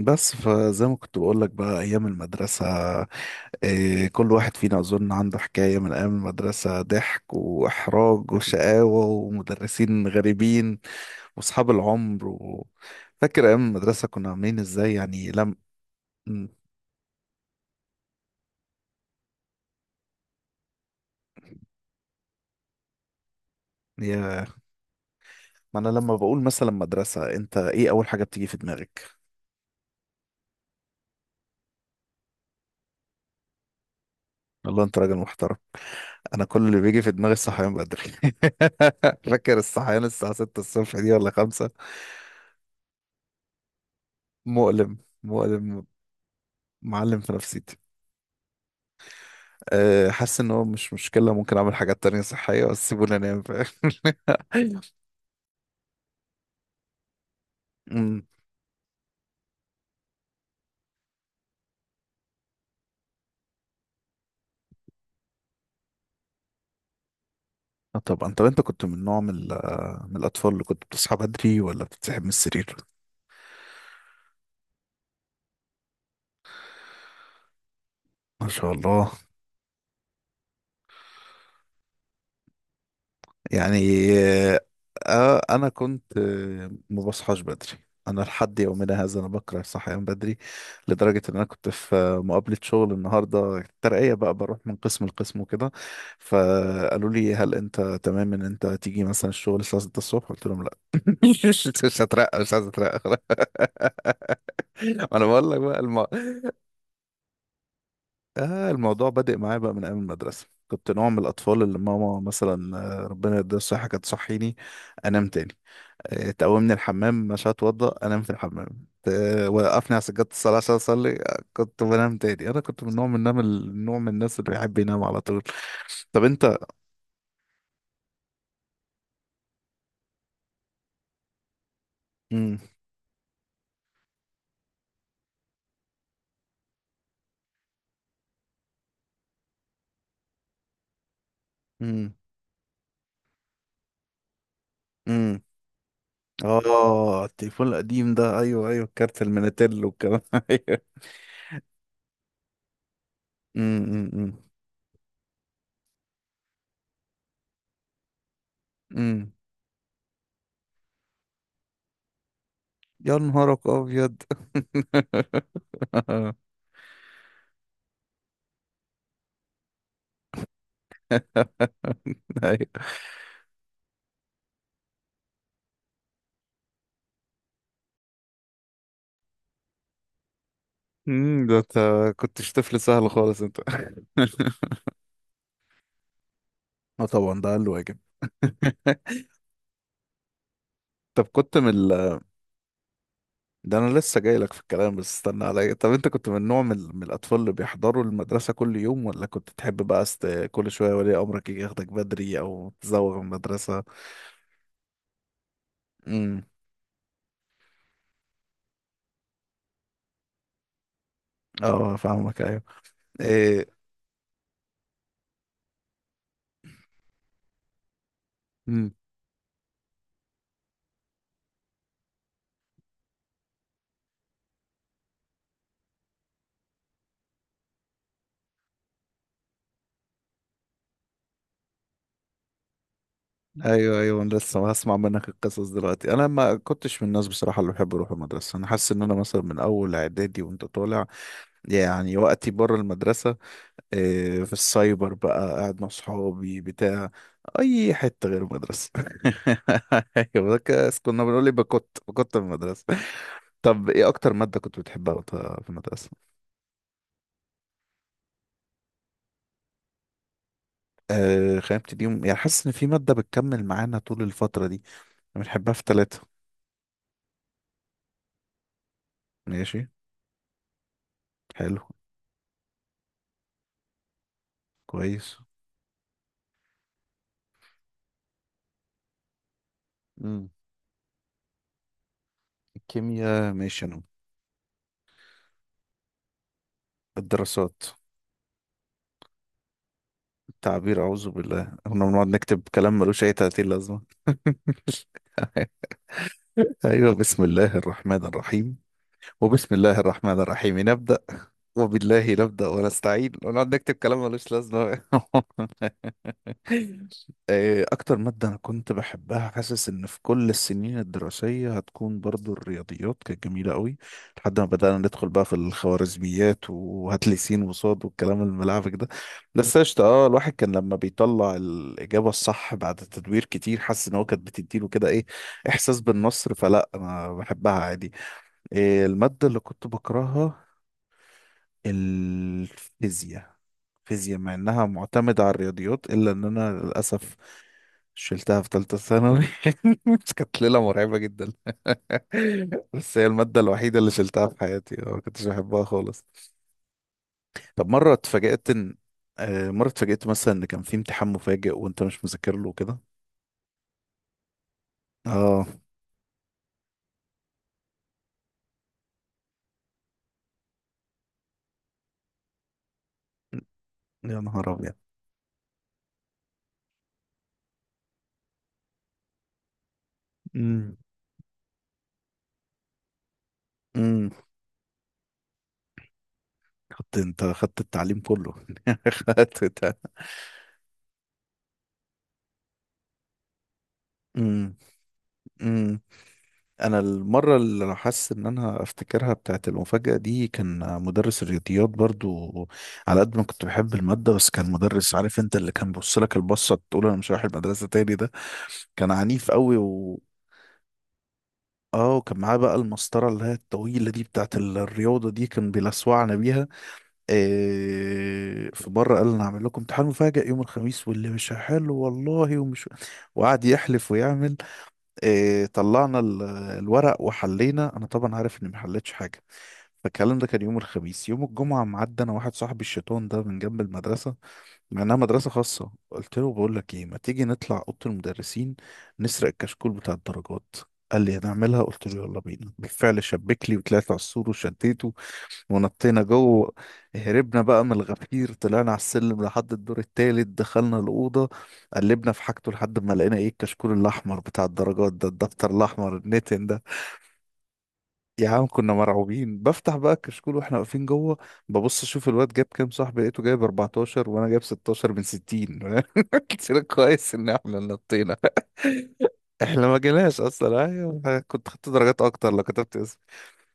بس فزي ما كنت بقول لك بقى ايام المدرسه. إيه، كل واحد فينا اظن عنده حكايه من ايام المدرسه، ضحك واحراج وشقاوه ومدرسين غريبين واصحاب العمر و... فاكر ايام المدرسه كنا عاملين ازاي يعني لم م- يا ما انا لما بقول مثلا مدرسه، انت ايه اول حاجه بتيجي في دماغك؟ والله انت راجل محترم. انا كل اللي بيجي في دماغي الصحيان بدري. فاكر الصحيان الساعه 6 الصبح دي ولا 5؟ مؤلم مؤلم، معلم في نفسيتي. أه، حاسس ان هو مش مشكلة، ممكن اعمل حاجات تانية صحية بس سيبوني انام، فاهم؟ أمم. آه طبعا. طب انت كنت من من الاطفال اللي كنت بتصحى بدري ولا بتتسحب من السرير؟ ما شاء الله. يعني آه. انا كنت ما بصحاش بدري. انا لحد يومنا هذا انا بكره الصحيان بدري. لدرجة ان انا كنت في مقابلة شغل النهاردة، الترقية بقى، بروح من قسم لقسم وكده. فقالوا لي هل انت تمام ان انت تيجي مثلا الشغل الساعة 6 الصبح؟ قلت لهم لا. مش مش هترقى، مش عايز اترقى خلاص. ما انا بقول لك بقى الموضوع بادئ معايا بقى من ايام المدرسه. كنت نوع من الاطفال اللي ماما مثلا، ربنا يديها الصحه، كانت تصحيني، انام تاني. تقومني الحمام، مش هتوضى، انام في الحمام. وقفني على سجاده الصلاه عشان اصلي، كنت بنام تاني. انا كنت من نوع من النوم النوع من الناس اللي بيحب ينام على طول. طب انت. امم، امم، امم. اه التليفون القديم ده، ايوه ايوه، كارت المينيتيل والكلام. ايوه. امم، امم. أمم. يا نهارك ابيض. أيوة. أمم، ده انت كنتش طفل سهل خالص انت. اه طبعا ده اقل واجب. طب كنت من ده انا لسه جاي لك في الكلام، بس استنى عليا. طب انت كنت من من الاطفال اللي بيحضروا المدرسه كل يوم، ولا كنت تحب بقى كل شويه ولي امرك يجي ياخدك بدري او تزوغ من المدرسه؟ امم. اه فاهمك، ايوه. ايه، ايوه ايوه. انا لسه هسمع منك القصص دلوقتي. انا ما كنتش من الناس بصراحه اللي بحب اروح المدرسه. انا حاسس ان انا مثلا من اول اعدادي وانت طالع، يعني وقتي بره المدرسه، إيه، في السايبر بقى قاعد مع صحابي بتاع اي حته غير المدرسه. ايوه، ده كنا بنقول يبقى كنت في المدرسه. طب ايه اكتر ماده كنت بتحبها وأنت في المدرسه؟ آه، خلينا نبتدي يعني حاسس ان في ماده بتكمل معانا طول الفتره دي، بنحبها في ثلاثه. ماشي. حلو. كويس. الكيمياء، ماشي. انا الدراسات، التعبير، اعوذ بالله، كنا بنقعد نكتب كلام ملوش اي 30 لازمه. ايوه، بسم الله الرحمن الرحيم، وبسم الله الرحمن الرحيم نبدا، وبالله نبدا ونستعين، ونقعد نكتب كلام ملوش لازمه. إيه أكتر مادة أنا كنت بحبها، حاسس إن في كل السنين الدراسية هتكون برضو الرياضيات، كانت جميلة قوي لحد ما بدأنا ندخل بقى في الخوارزميات وهات لي س وصاد والكلام الملعبك ده. بس قشطة، اه الواحد كان لما بيطلع الإجابة الصح بعد تدوير كتير، حاسس إن هو كانت بتديله كده إيه، إحساس بالنصر. فلا، أنا بحبها عادي. إيه المادة اللي كنت بكرهها؟ الفيزياء. فيزياء، مع انها معتمدة على الرياضيات، الا ان انا للاسف شلتها في ثالثة ثانوي. كانت ليلة مرعبة جدا. بس هي المادة الوحيدة اللي شلتها في حياتي. ما كنتش بحبها خالص. طب مرة اتفاجأت ان مرة اتفاجأت مثلا ان كان في امتحان مفاجئ وانت مش مذاكر له كده. اه، يا نهار ابيض. امم، امم. خدت انت، خدت التعليم كله. خدت التعليم. امم. انا المره اللي انا حاسس ان انا افتكرها بتاعت المفاجاه دي، كان مدرس الرياضيات برضو. على قد ما كنت بحب الماده، بس كان مدرس عارف انت، اللي كان بص لك البصه تقول انا مش رايح المدرسه تاني ده. كان عنيف قوي و... اه، وكان معاه بقى المسطره اللي هي الطويله دي بتاعت الرياضه دي، كان بيلسوعنا بيها. إيه، في مره قال انا هعمل لكم امتحان مفاجئ يوم الخميس، واللي مش حلو والله ومش... وقعد يحلف ويعمل. إيه، طلعنا الورق وحلينا. انا طبعا عارف اني ما حلتش حاجه. فالكلام ده كان يوم الخميس. يوم الجمعه معدي انا واحد صاحبي الشيطان ده من جنب المدرسه، مع انها مدرسه خاصه، قلت له بقول لك ايه، ما تيجي نطلع اوضه المدرسين نسرق الكشكول بتاع الدرجات؟ قال لي هنعملها، قلت له يلا بينا. بالفعل شبك لي وطلعت على السور وشديته ونطينا جوه. هربنا بقى من الغفير، طلعنا على السلم لحد الدور التالت، دخلنا الأوضة، قلبنا في حاجته لحد ما لقينا ايه، الكشكول الأحمر بتاع الدرجات ده، الدفتر الأحمر النتن ده. يا عم كنا مرعوبين. بفتح بقى الكشكول واحنا واقفين جوه، ببص اشوف الواد جاب كام، صاحبي لقيته جايب 14 وانا جايب 16 من 60. قلت لك كويس ان احنا اللي نطينا. احنا ما جيناش اصلا، ايوه كنت خدت درجات اكتر لو كتبت.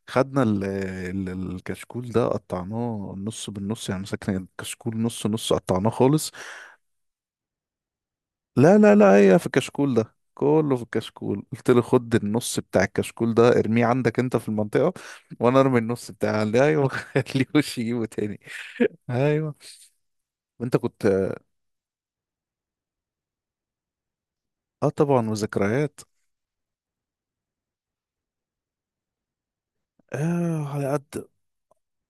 خدنا الكشكول ده قطعناه نص بالنص، يعني مسكنا الكشكول نص نص قطعناه خالص. لا لا لا، هي في الكشكول ده كله، في الكشكول قلت له خد النص بتاع الكشكول ده ارميه عندك انت في المنطقة وانا ارمي النص بتاعي، قال لي ايوه. خليهوش يجيبه تاني. ايوه. وانت كنت. اه طبعا، وذكريات. اه على قد.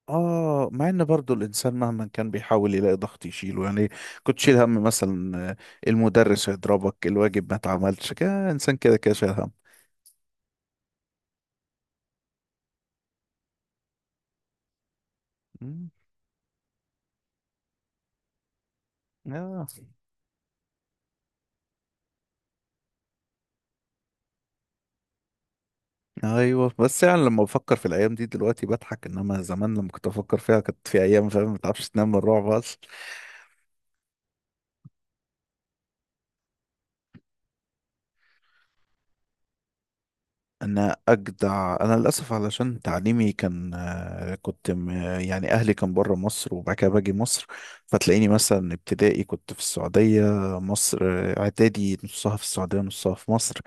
اه، مع ان برضو الانسان مهما كان بيحاول يلاقي ضغط يشيله، يعني كنت شيل هم مثلا المدرس هيضربك، الواجب ما اتعملش كده، انسان كده كده شايل هم. مم. آه. ايوه، بس يعني لما بفكر في الايام دي دلوقتي بضحك، انما زمان لما كنت بفكر فيها كانت في ايام، فاهم، ما تعرفش تنام من الرعب. انا اجدع، انا للاسف علشان تعليمي كان يعني اهلي كان بره مصر وبعد كده باجي مصر. فتلاقيني مثلا ابتدائي كنت في السعوديه، مصر، اعدادي نصها في السعوديه نصها في مصر،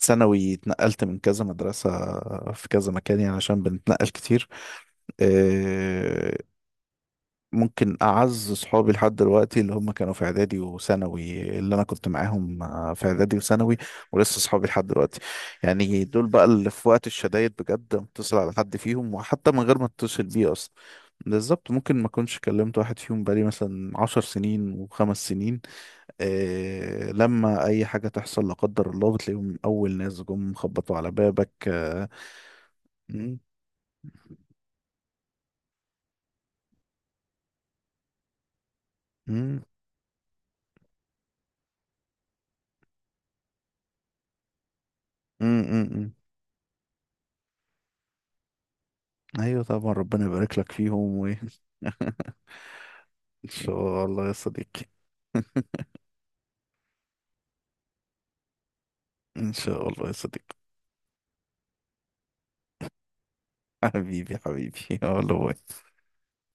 ثانوي اتنقلت من كذا مدرسه في كذا مكان، يعني عشان بنتنقل كتير. آه، ممكن أعز صحابي لحد دلوقتي اللي هم كانوا في إعدادي وثانوي، اللي أنا كنت معاهم في إعدادي وثانوي، ولسه صحابي لحد دلوقتي. يعني دول بقى اللي في وقت الشدايد بجد، متصل على حد فيهم وحتى من غير ما اتصل بيه أصلا. بالظبط، ممكن ما أكونش كلمت واحد فيهم بقالي مثلا 10 سنين و5 سنين، إيه لما أي حاجة تحصل لا قدر الله بتلاقيهم أول ناس جم خبطوا على بابك. آه، م- م- م- م- م. أيوة طبعا، ربنا يبارك لك فيهم و... ان شاء الله يا صديقي. ان شاء الله يا صديقي. حبيبي حبيبي. يلا باي.